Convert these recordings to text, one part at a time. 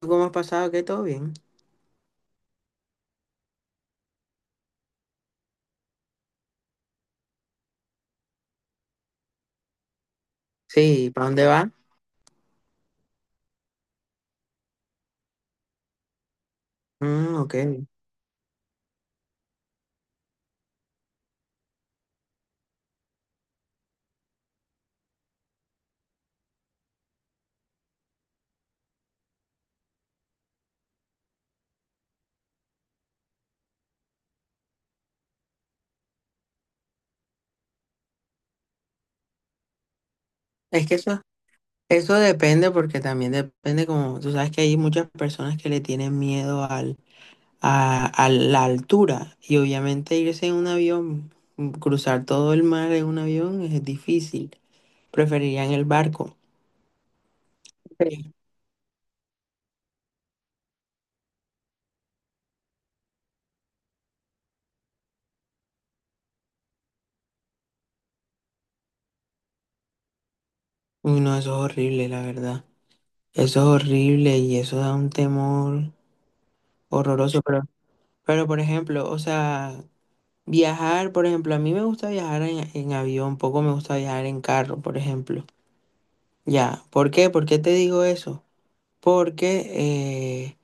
¿Cómo has pasado? ¿Qué? ¿Todo bien? Sí, ¿para dónde va? Mm, ok. Es que eso depende porque también depende como, tú sabes que hay muchas personas que le tienen miedo a la altura y obviamente irse en un avión, cruzar todo el mar en un avión es difícil. Preferirían el barco. Sí. Uy, no, eso es horrible, la verdad. Eso es horrible y eso da un temor horroroso, pero por ejemplo, o sea... Viajar, por ejemplo, a mí me gusta viajar en avión, poco me gusta viajar en carro, por ejemplo. Ya, ¿por qué? ¿Por qué te digo eso? Porque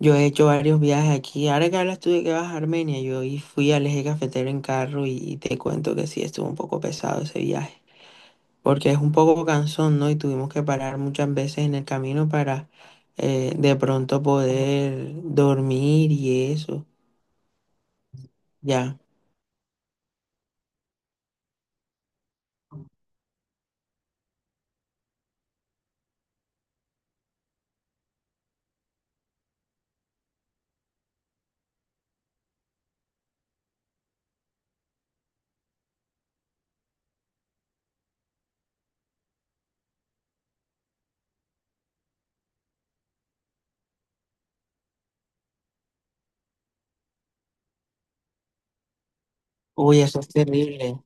yo he hecho varios viajes aquí. Ahora que hablas tú de que vas a Armenia, yo fui al eje cafetero en carro y te cuento que sí, estuvo un poco pesado ese viaje, porque es un poco cansón, ¿no? Y tuvimos que parar muchas veces en el camino para de pronto poder dormir y eso. Ya, uy, eso es terrible.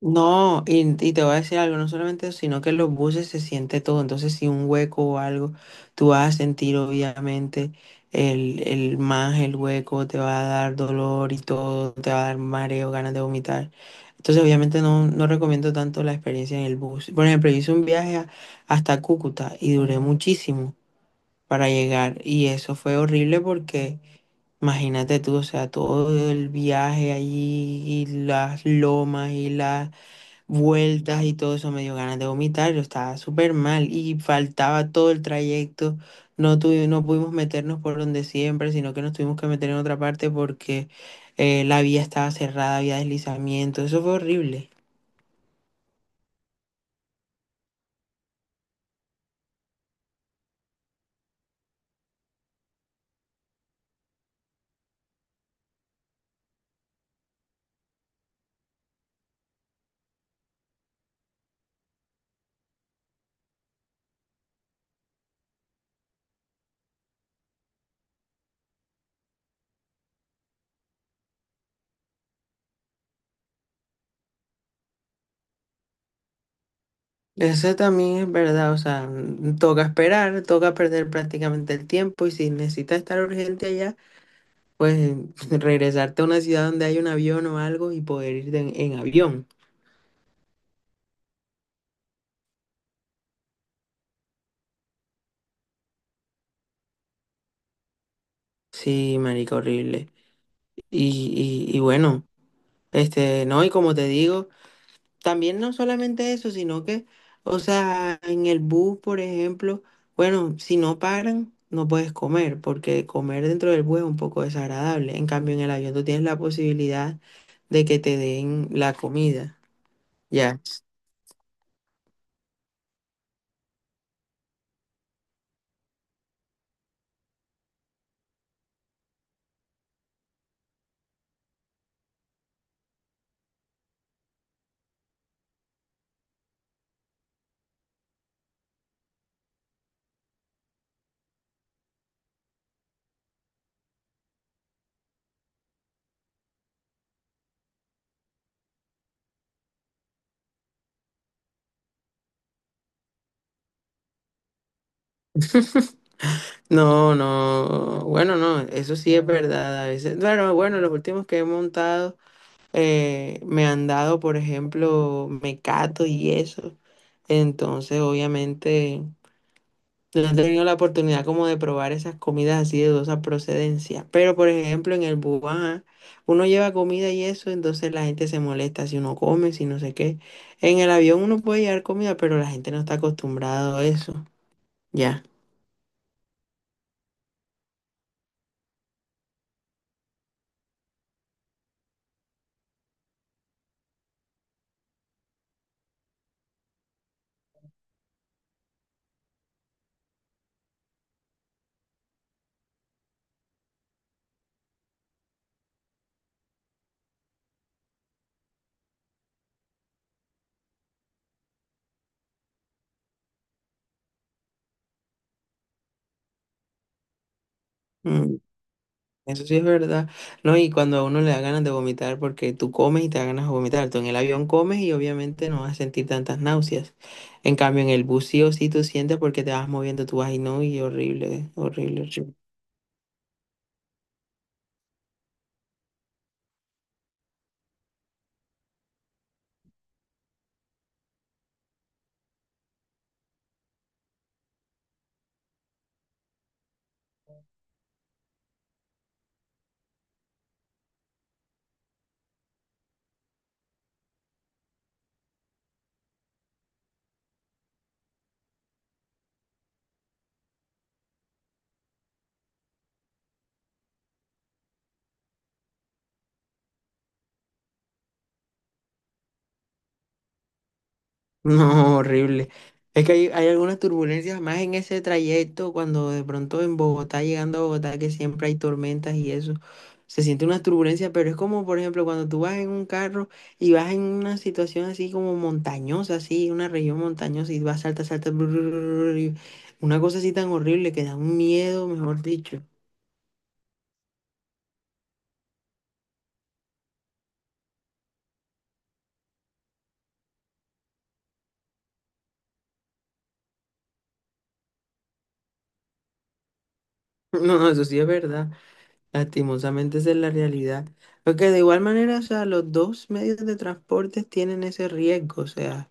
No, y te voy a decir algo, no solamente eso, sino que en los buses se siente todo, entonces si un hueco o algo, tú vas a sentir obviamente el más el hueco, te va a dar dolor y todo, te va a dar mareo, ganas de vomitar. Entonces obviamente no, no recomiendo tanto la experiencia en el bus. Por ejemplo, yo hice un viaje hasta Cúcuta y duré muchísimo para llegar y eso fue horrible porque... Imagínate tú, o sea, todo el viaje allí y las lomas y las vueltas y todo eso, me dio ganas de vomitar, yo estaba súper mal y faltaba todo el trayecto, no pudimos meternos por donde siempre, sino que nos tuvimos que meter en otra parte porque la vía estaba cerrada, había deslizamiento, eso fue horrible. Eso también es verdad, o sea, toca esperar, toca perder prácticamente el tiempo y si necesitas estar urgente allá, pues regresarte a una ciudad donde hay un avión o algo y poder ir en avión. Sí, marica, horrible. Y y bueno. Este, no, y como te digo, también no solamente eso, sino que, o sea, en el bus, por ejemplo, bueno, si no paran, no puedes comer, porque comer dentro del bus es un poco desagradable. En cambio, en el avión tú tienes la posibilidad de que te den la comida. Ya. No, no, bueno, no, eso sí es verdad. A veces, bueno, bueno, los últimos que he montado me han dado, por ejemplo, mecato y eso. Entonces, obviamente. No he tenido la oportunidad como de probar esas comidas así de dudosa procedencia. Pero, por ejemplo, en el Bubá, uno lleva comida y eso, entonces la gente se molesta si uno come, si no sé qué. En el avión uno puede llevar comida, pero la gente no está acostumbrada a eso. Ya. Mm. Eso sí es verdad. No, y cuando a uno le da ganas de vomitar, porque tú comes y te da ganas de vomitar. Tú en el avión comes y obviamente no vas a sentir tantas náuseas. En cambio, en el bus sí o sí tú sientes porque te vas moviendo, tú vas y no, y horrible, horrible, horrible. No, horrible. Es que hay algunas turbulencias más en ese trayecto cuando de pronto en Bogotá, llegando a Bogotá, que siempre hay tormentas y eso, se siente una turbulencia, pero es como, por ejemplo, cuando tú vas en un carro y vas en una situación así como montañosa, así, una región montañosa y vas, salta, salta, bru, bru, bru, bru, y una cosa así tan horrible que da un miedo, mejor dicho. No, eso sí es verdad. Lastimosamente esa es la realidad. Porque de igual manera, o sea, los dos medios de transporte tienen ese riesgo, o sea.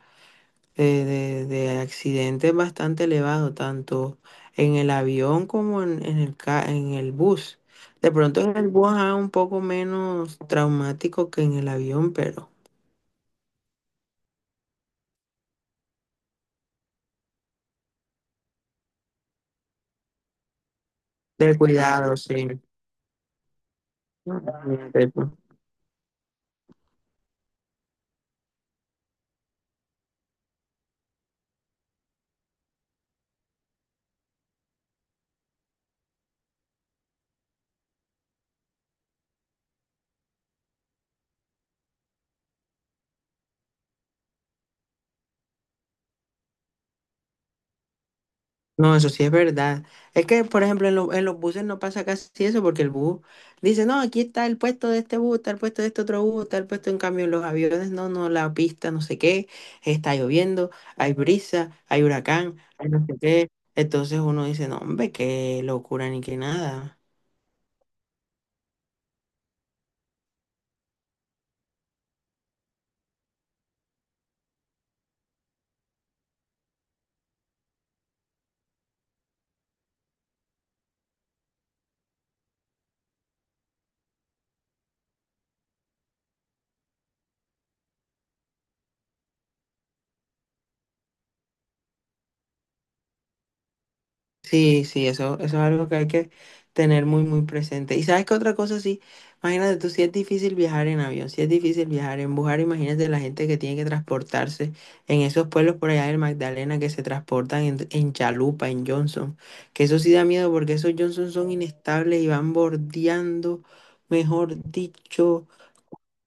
De de accidentes bastante elevados, tanto en el avión como en el, en el bus. De pronto en el bus es un poco menos traumático que en el avión, pero de cuidado, sí. No, eso sí es verdad. Es que, por ejemplo, en los buses no pasa casi eso porque el bus dice, no, aquí está el puesto de este bus, está el puesto de este otro bus, está el puesto en cambio en los aviones, no, no, la pista, no sé qué, está lloviendo, hay brisa, hay huracán, hay no sé qué. Entonces uno dice, no, hombre, qué locura ni qué nada. Sí, sí, eso es algo que hay que tener muy, muy presente. Y sabes que otra cosa, sí, imagínate tú, si es difícil viajar en avión, si es difícil viajar en bus, ahora imagínate la gente que tiene que transportarse en esos pueblos por allá del Magdalena que se transportan en chalupa, en Johnson, que eso sí da miedo porque esos Johnson son inestables y van bordeando, mejor dicho,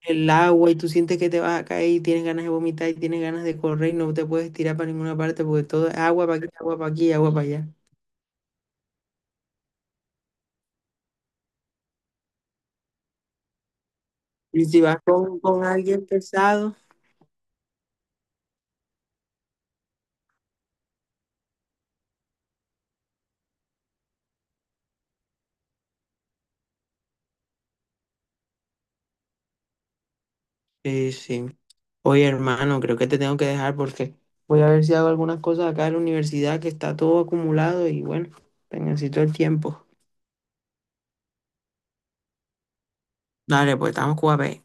el agua y tú sientes que te vas a caer y tienes ganas de vomitar y tienes ganas de correr y no te puedes tirar para ninguna parte porque todo es agua para aquí, agua para aquí, agua para allá. Y si vas con alguien pesado, sí, sí. Oye, hermano, creo que te tengo que dejar porque voy a ver si hago algunas cosas acá en la universidad que está todo acumulado y bueno, te necesito el tiempo. Dale, pues estamos cuape.